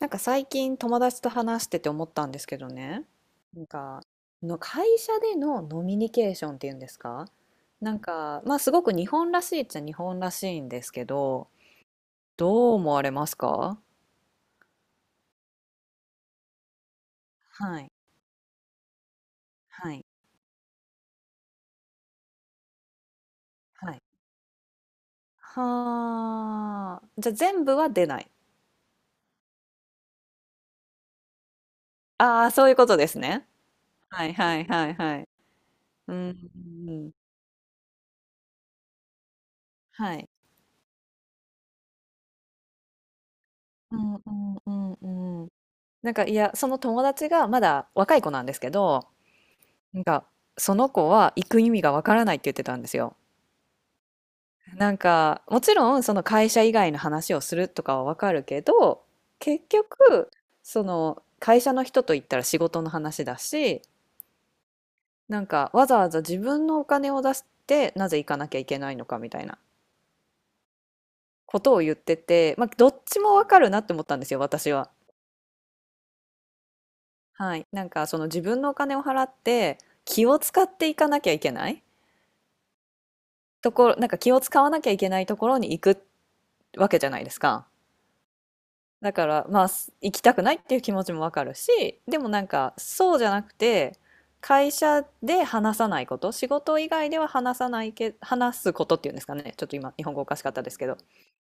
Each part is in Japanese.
最近友達と話してて思ったんですけどね、なんかの会社でのノミニケーションっていうんですか、なんか、まあすごく日本らしいっちゃ日本らしいんですけど、どう思われますか？はい、はい、はい。はあ、じゃあ全部は出ない。ああ、そういうことですね。はいはいはいはい。うん、うん、はい。うんうんうんうん。なんかいや、その友達がまだ若い子なんですけど、なんか、その子は行く意味がわからないって言ってたんですよ。なんか、もちろんその会社以外の話をするとかはわかるけど、結局、その会社の人と言ったら仕事の話だし、なんかわざわざ自分のお金を出してなぜ行かなきゃいけないのかみたいなことを言ってて、まあ、どっちもわかるなって思ったんですよ、私は。はい。なんかその自分のお金を払って気を使っていかなきゃいけないところ、なんか気を使わなきゃいけないところに行くわけじゃないですか。だから、まあ、す行きたくないっていう気持ちもわかるし、でもなんか、そうじゃなくて、会社で話さないこと、仕事以外では話さないけ、話すことっていうんですかね。ちょっと今、日本語おかしかったですけど、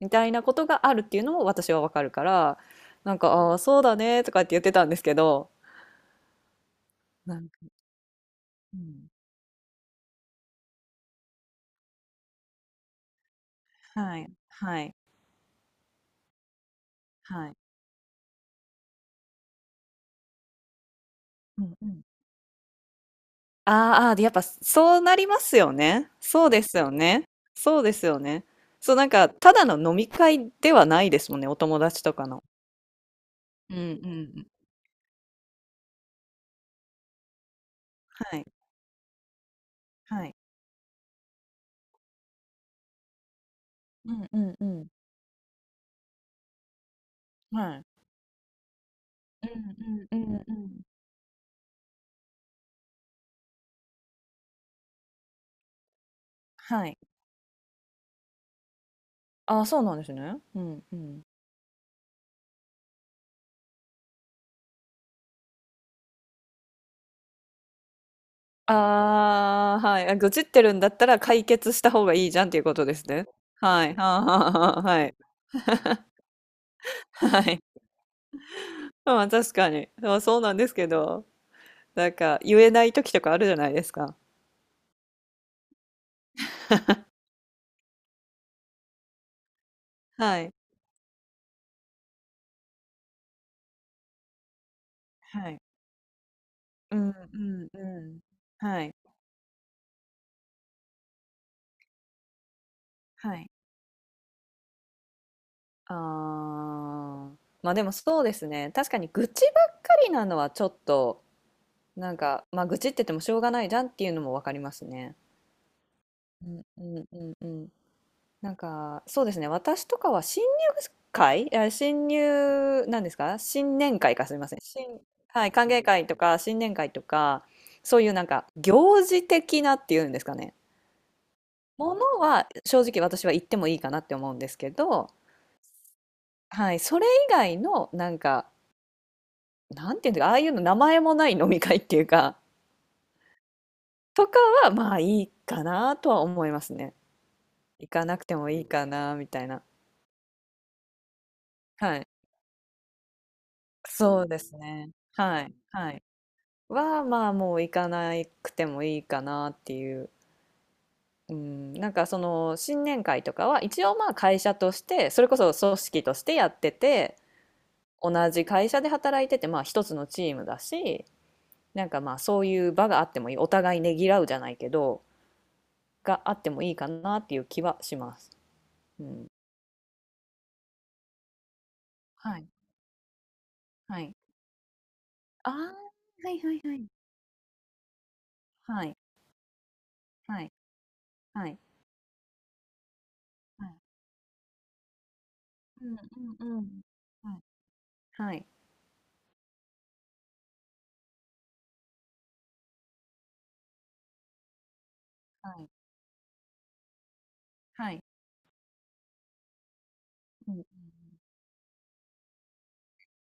みたいなことがあるっていうのも私はわかるから、なんか、ああ、そうだね、とかって言ってたんですけど、なんか、うん、はい、はい、はい。うんうん、あーあー、あで、やっぱそうなりますよね。そうですよね。そうですよね。そう、なんか、ただの飲み会ではないですもんね、お友達とかの。うんうんうん。はい、はい。うんうんうん。はい。うんうんうんうん。はい。ああ、そうなんですね。うんうん。ああ、はい。あ、愚痴ってるんだったら解決した方がいいじゃんっていうことですね。はい。はあはあはあ、はい。はい。まあ、確かに。まあ、そうなんですけど、なんか言えない時とかあるじゃないですか。はい。はい。うんうんうん。はい、はい。ああ、ま、でもそうですね。確かに愚痴ばっかりなのはちょっと、なんか、ま、愚痴って言ってもしょうがないじゃんっていうのも分かりますね。うんうんうんうん。なんか、そうですね、私とかは新入会、あ、新入なんですか、新年会か、すみません。新はい、歓迎会とか新年会とか、そういうなんか行事的なっていうんですかね、ものは正直私は行ってもいいかなって思うんですけど、はい、それ以外のなんか、なんていうんだか、ああいうの名前もない飲み会っていうか、とかはまあいいかなとは思いますね。行かなくてもいいかなみたいな。はい。そうですね。はい、はい。は、まあもう行かなくてもいいかなっていう。うん、なんかその新年会とかは一応まあ会社としてそれこそ組織としてやってて、同じ会社で働いててまあ一つのチームだし、なんかまあそういう場があってもいい、お互いねぎらうじゃないけど、があってもいいかなっていう気はします。うん。はい、はい。ああ、はいはいはい。はいはいはいはい。うんうんうん。はいはいはいはい。うん。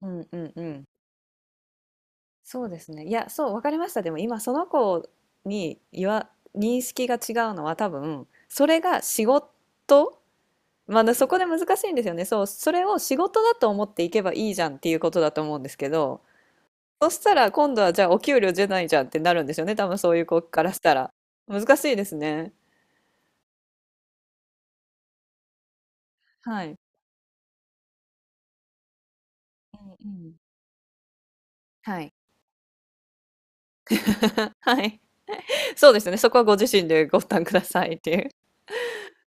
うんうんうん。そうですね。いや、そう、わかりました。でも今その子に言わ認識が違うのは多分、それが仕事まだそこで難しいんですよね。そう、それを仕事だと思っていけばいいじゃんっていうことだと思うんですけど、そしたら今度はじゃあお給料出ないじゃんってなるんですよね、多分そういう子からしたら。難しいですね。はい。うんうん。はい。はい。そうですよね、そこはご自身でご負担くださいっていう。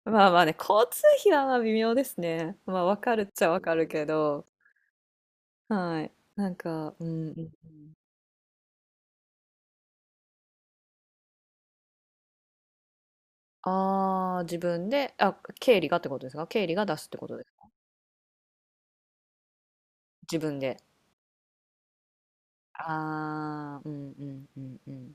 まあまあね、交通費はまあ微妙ですね。まあ、わかるっちゃわかるけど、はい。なんか、うんうんうん。ああ、自分で、あ、経理がってことですか？経理が出すってことですか？自分で。ああ、うんうんうんうん。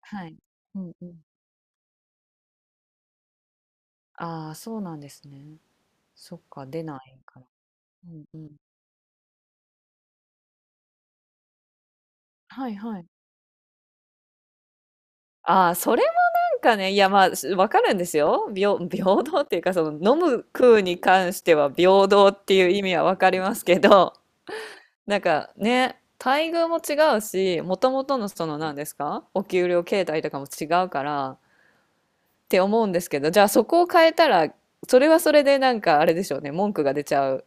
はい。うんうん。ああ、そうなんですね。そっか、出ないから。うんうん。はいはい。ああ、それなんかね、いや、まあ、す分かるんですよ。平 平等っていうか、その、飲む食うに関しては平等っていう意味は分かりますけど、なんかね、待遇も違うし、もともとのその何ですか、お給料形態とかも違うからって思うんですけど、じゃあそこを変えたら、それはそれでなんかあれでしょうね、文句が出ちゃう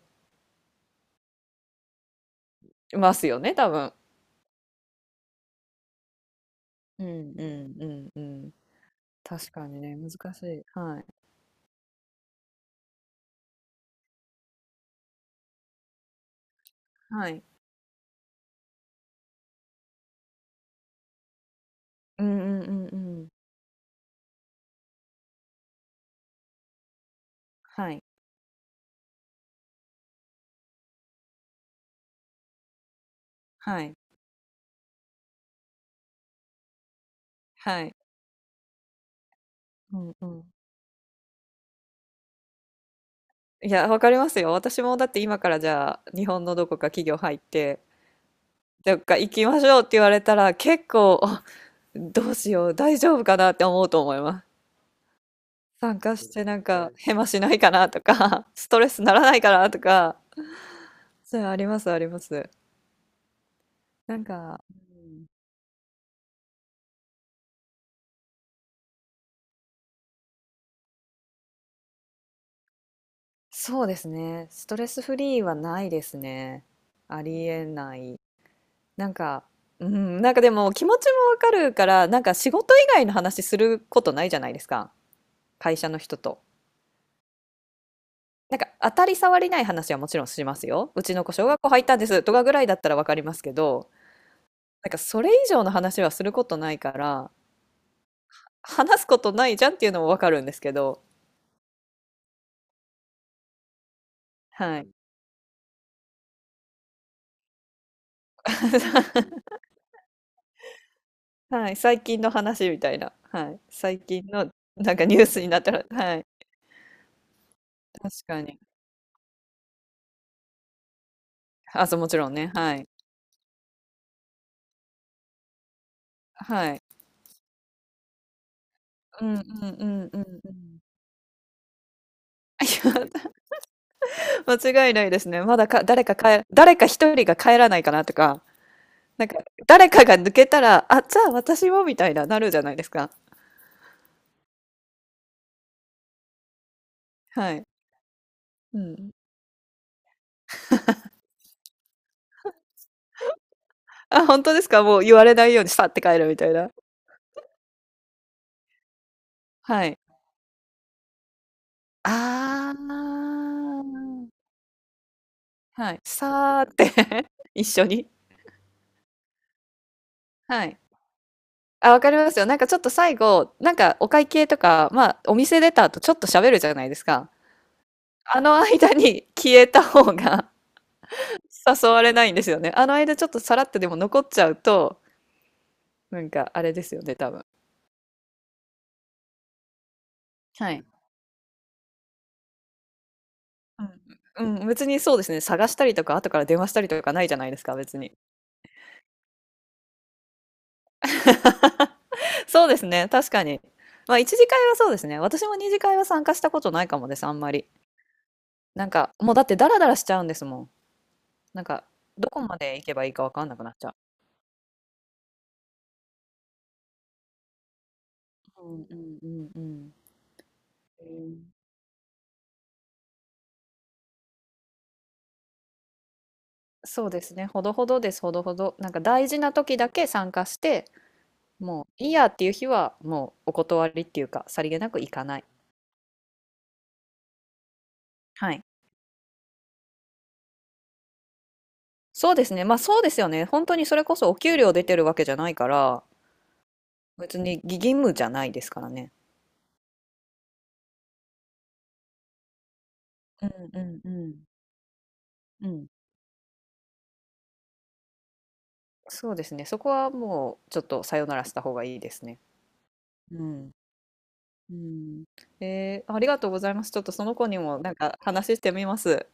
ますよね、多分。うんうんうんうん。確かにね、難しい。はい。はい。うんうんうんうん。はい、はい、はい。うんうん。いや、わかりますよ。私もだって今からじゃあ、日本のどこか企業入って、どっか行きましょうって言われたら、結構、あ、どうしよう、大丈夫かなって思うと思います。参加してなんか、ねヘマしないかなとか、ストレスならないかなとか、そういうのあります、あります。なんか、うん、そうですね。ストレスフリーはないですね。ありえない。なんか、うん、なんかでも気持ちもわかるから、なんか仕事以外の話することないじゃないですか。会社の人と。なんか当たり障りない話はもちろんしますよ。うちの子小学校入ったんですとかぐらいだったらわかりますけど、なんかそれ以上の話はすることないから、話すことないじゃんっていうのもわかるんですけど、はい。はい、最近の話みたいな。はい。最近のなんかニュースになったら、はい。確かに。あ、そう、もちろんね。はい。はい。うんうんうんうんうん。いや、間違いないですね。まだか、誰か帰、誰か一人が帰らないかなとか、なんか、誰かが抜けたら、あ、じゃあ私もみたいな、なるじゃないですか。はい。うん。あ、本当ですか、もう言われないようにさって帰るみたいな。はい。ああ。はい。さーって 一緒に。はい。あ、わかりますよ。なんかちょっと最後、なんかお会計とか、まあ、お店出た後ちょっと喋るじゃないですか。あの間に消えた方が誘われないんですよね。あの間ちょっとさらっとでも残っちゃうと、なんかあれですよね、多分。はい。うん、うん、別にそうですね、探したりとか、後から電話したりとかないじゃないですか、別に。そうですね、確かに。まあ、一次会はそうですね。私も二次会は参加したことないかもです、あんまり。なんか、もうだってダラダラしちゃうんですもん。なんか、どこまで行けばいいかわかんなくなっちゃう。うんうんうんうん。うん、そうですね、ほどほどです、ほどほど。なんか大事な時だけ参加して、もういいやっていう日はもうお断りっていうかさりげなく行かない。はい。そうですね。まあそうですよね。本当にそれこそお給料出てるわけじゃないから、別に義務じゃないですからね。うんうんうんうん。そうですね。そこはもうちょっとさよならした方がいいですね。うん。うん。えーありがとうございます。ちょっとその子にもなんか話してみます。